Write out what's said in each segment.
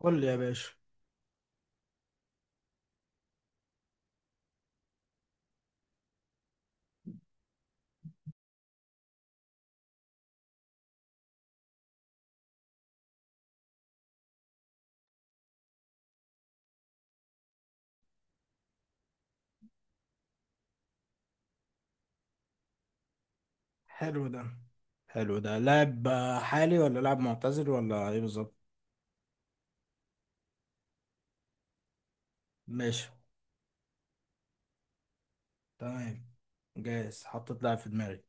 قول لي يا باشا. حلو ده. حلو ده لاعب حالي ولا لاعب معتزل ولا ايه بالظبط؟ ماشي. تمام جاهز، حطيت لاعب في دماغي.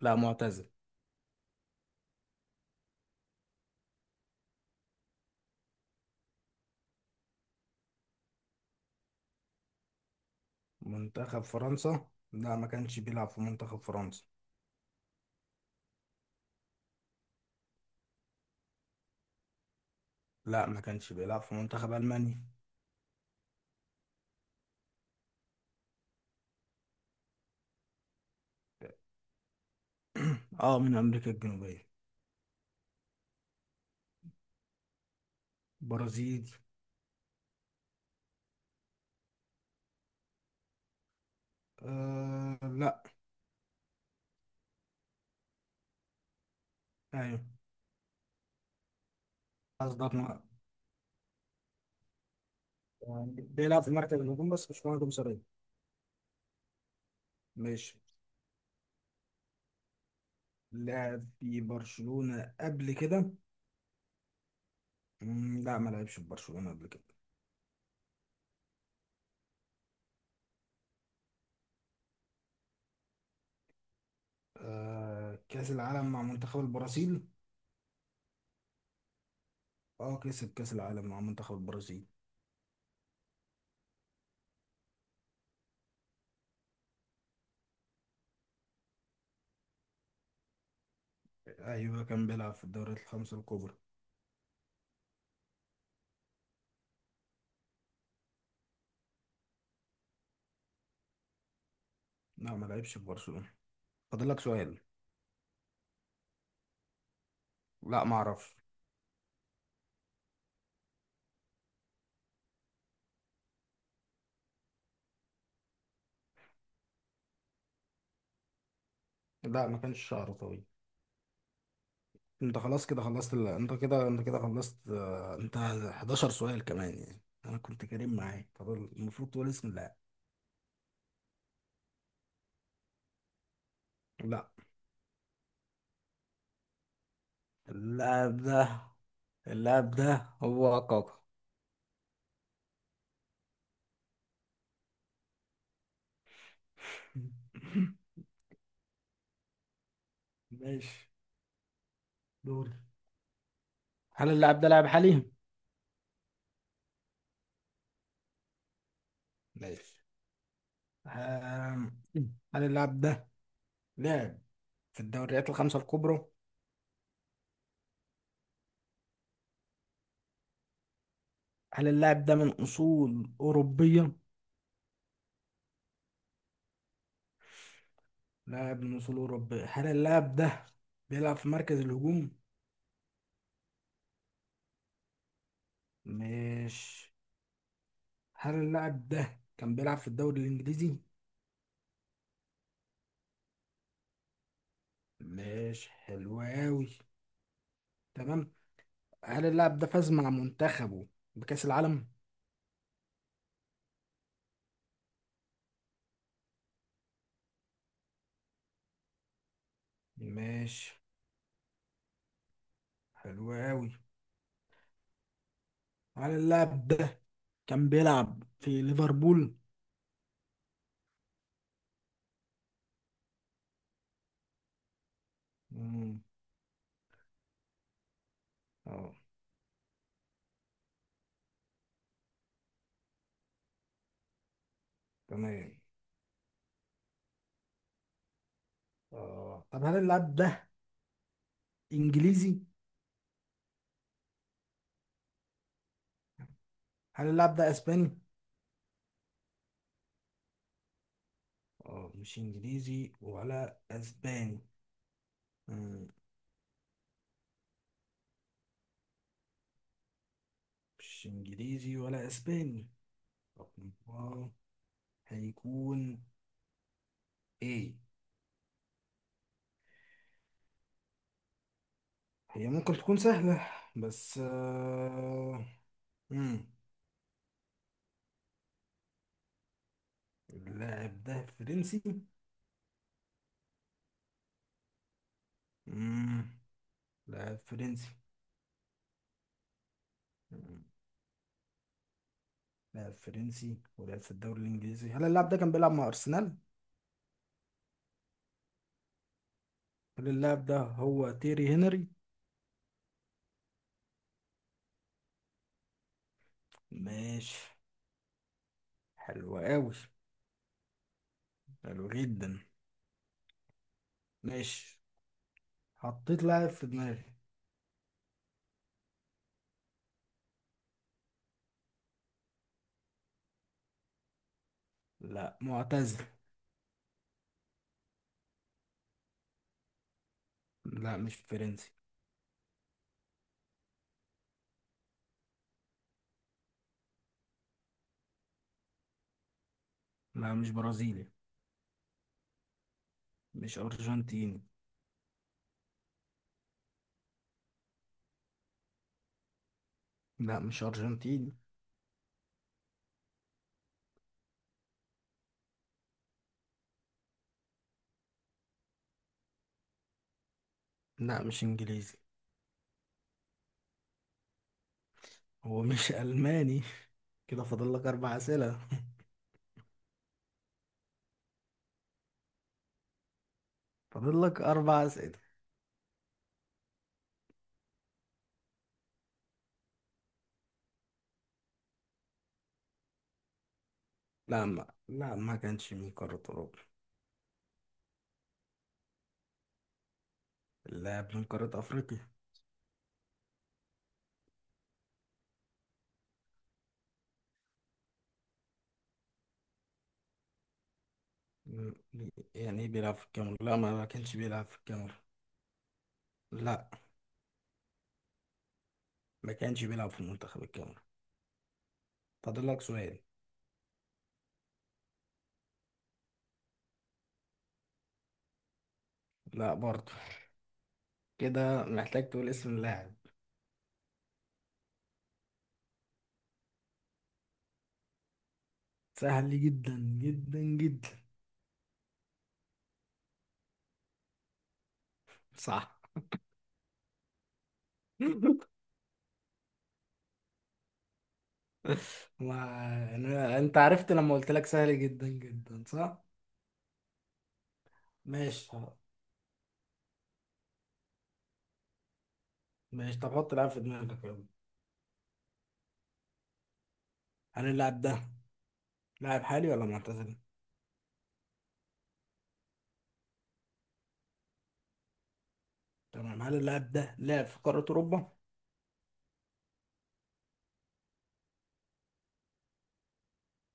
لا معتزل. منتخب فرنسا، لا ما كانش بيلعب في منتخب فرنسا. لا ما كانش بيلعب في منتخب ألمانيا. اه من أمريكا الجنوبية. برازيلي. آه لا. ايوه. قصدك ما- يعني بيلعب في مركز الهجوم بس مش مهاجم صريح. ماشي لعب في برشلونة قبل كده. لا ما لعبش في برشلونة قبل كده. آه كأس العالم مع منتخب البرازيل. اه كسب كأس العالم مع منتخب البرازيل. ايوه كان بيلعب في الدوريات الخمسة الكبرى. لا ما لعبش في برشلونة، فاضل لك سؤال. لا ما اعرفش. لا ما كانش شعره طويل. انت خلاص كده خلصت ال... انت كده خلصت آه، انت 11 سؤال كمان يعني. انا كنت كريم معاك، طب المفروض تقول اسم اللاعب. لا. اللاعب ده، اللاعب ده هو كاكا. ماشي. دوري. هل اللاعب ده لاعب حالي؟ ماشي. آم، هل اللاعب ده لاعب في الدوريات الخمسة الكبرى؟ هل اللاعب ده من أصول أوروبية؟ لاعب من أصول أوروبية. هل اللاعب ده بيلعب في مركز الهجوم؟ مش هل اللاعب ده كان بيلعب في الدوري الإنجليزي؟ مش حلو أوي. تمام. هل اللاعب ده فاز مع منتخبه بكأس العالم؟ مش حلو أوي. هل اللاعب ده كان بيلعب في ليفربول؟ اه، تمام. اه طب هل اللاعب ده انجليزي؟ هل اللاعب ده اسباني؟ اه مش انجليزي ولا اسباني. مم. مش انجليزي ولا اسباني. طب هو هيكون ايه؟ هي ممكن تكون سهلة بس مم. اللاعب ده فرنسي؟ مم. لاعب فرنسي. مم. لاعب فرنسي ولعب في الدوري الانجليزي. هل اللاعب ده كان بيلعب مع ارسنال؟ هل اللاعب ده هو تيري هنري؟ ماشي، حلو قوي. حلو جدا. ماشي، حطيت لاعب في دماغي. لا معتزل. لا مش فرنسي. لا مش برازيلي. مش أرجنتيني. لا مش أرجنتيني. لا مش إنجليزي. هو مش ألماني. كده فاضل لك أربع أسئلة. فاضل لك أربع أسئلة. لا ما كانش من قارة أوروبا. اللاعب من قارة أفريقيا. م- يعني إيه بيلعب في الكاميرون؟ لا ما كانش بيلعب في الكاميرون. لا ما كانش بيلعب في منتخب الكاميرون، فاضل لك سؤال. لا برضه. كده محتاج تقول اسم اللاعب. سهل جدا جدا جدا. صح. ما أنا... انت عرفت لما قلت لك سهل جدا جدا، صح؟ ماشي خلاص. ماشي، طب حط لاعب في دماغك يلا. هل اللاعب ده لاعب حالي ولا معتزل؟ تمام. هل اللاعب ده لعب في قارة أوروبا؟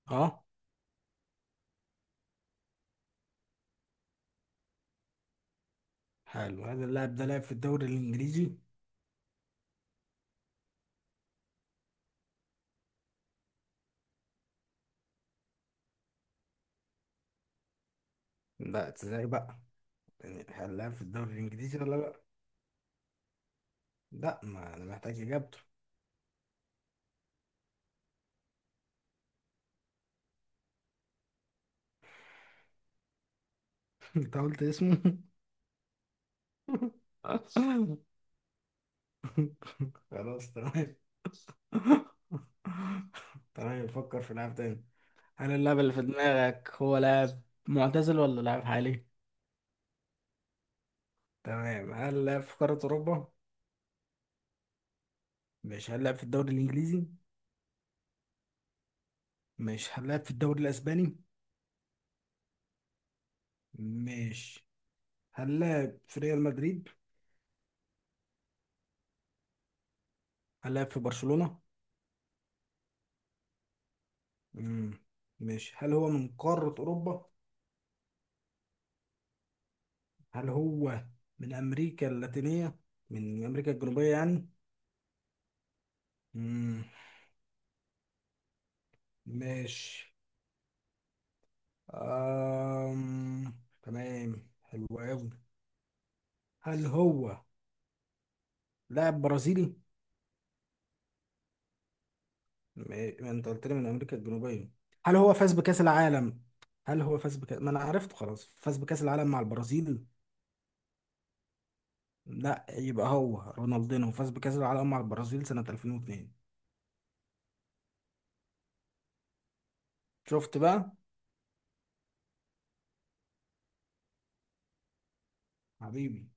اه حلو. هل اللاعب ده لعب في الدوري الإنجليزي؟ لا ازاي بقى؟ يعني هل لعب في الدوري الإنجليزي ولا لا؟ لا ما انا محتاج اجابته. انت قلت اسمه. خلاص تمام. تمام فكر في لعب تاني. هل اللاعب اللي في دماغك هو لاعب معتزل ولا لاعب حالي؟ تمام. هل لعب في قارة أوروبا؟ مش هل لعب في الدوري الإنجليزي؟ مش هل لعب في الدوري الأسباني؟ مش هل لعب في ريال مدريد؟ هل لعب في برشلونة؟ مم. مش هل هو من قارة أوروبا؟ هل هو من أمريكا اللاتينية؟ من أمريكا الجنوبية يعني؟ مم. مش أم... تمام حلو قوي. هل هو لاعب برازيلي؟ ما انت قلت لي من امريكا الجنوبيه. هل هو فاز بكاس العالم؟ هل هو فاز بكاس، ما انا عرفته خلاص، فاز بكاس العالم مع البرازيل؟ لا يبقى هو رونالدينو فاز بكاس العالم مع البرازيل سنه 2002؟ شفت بقى. حبيبي.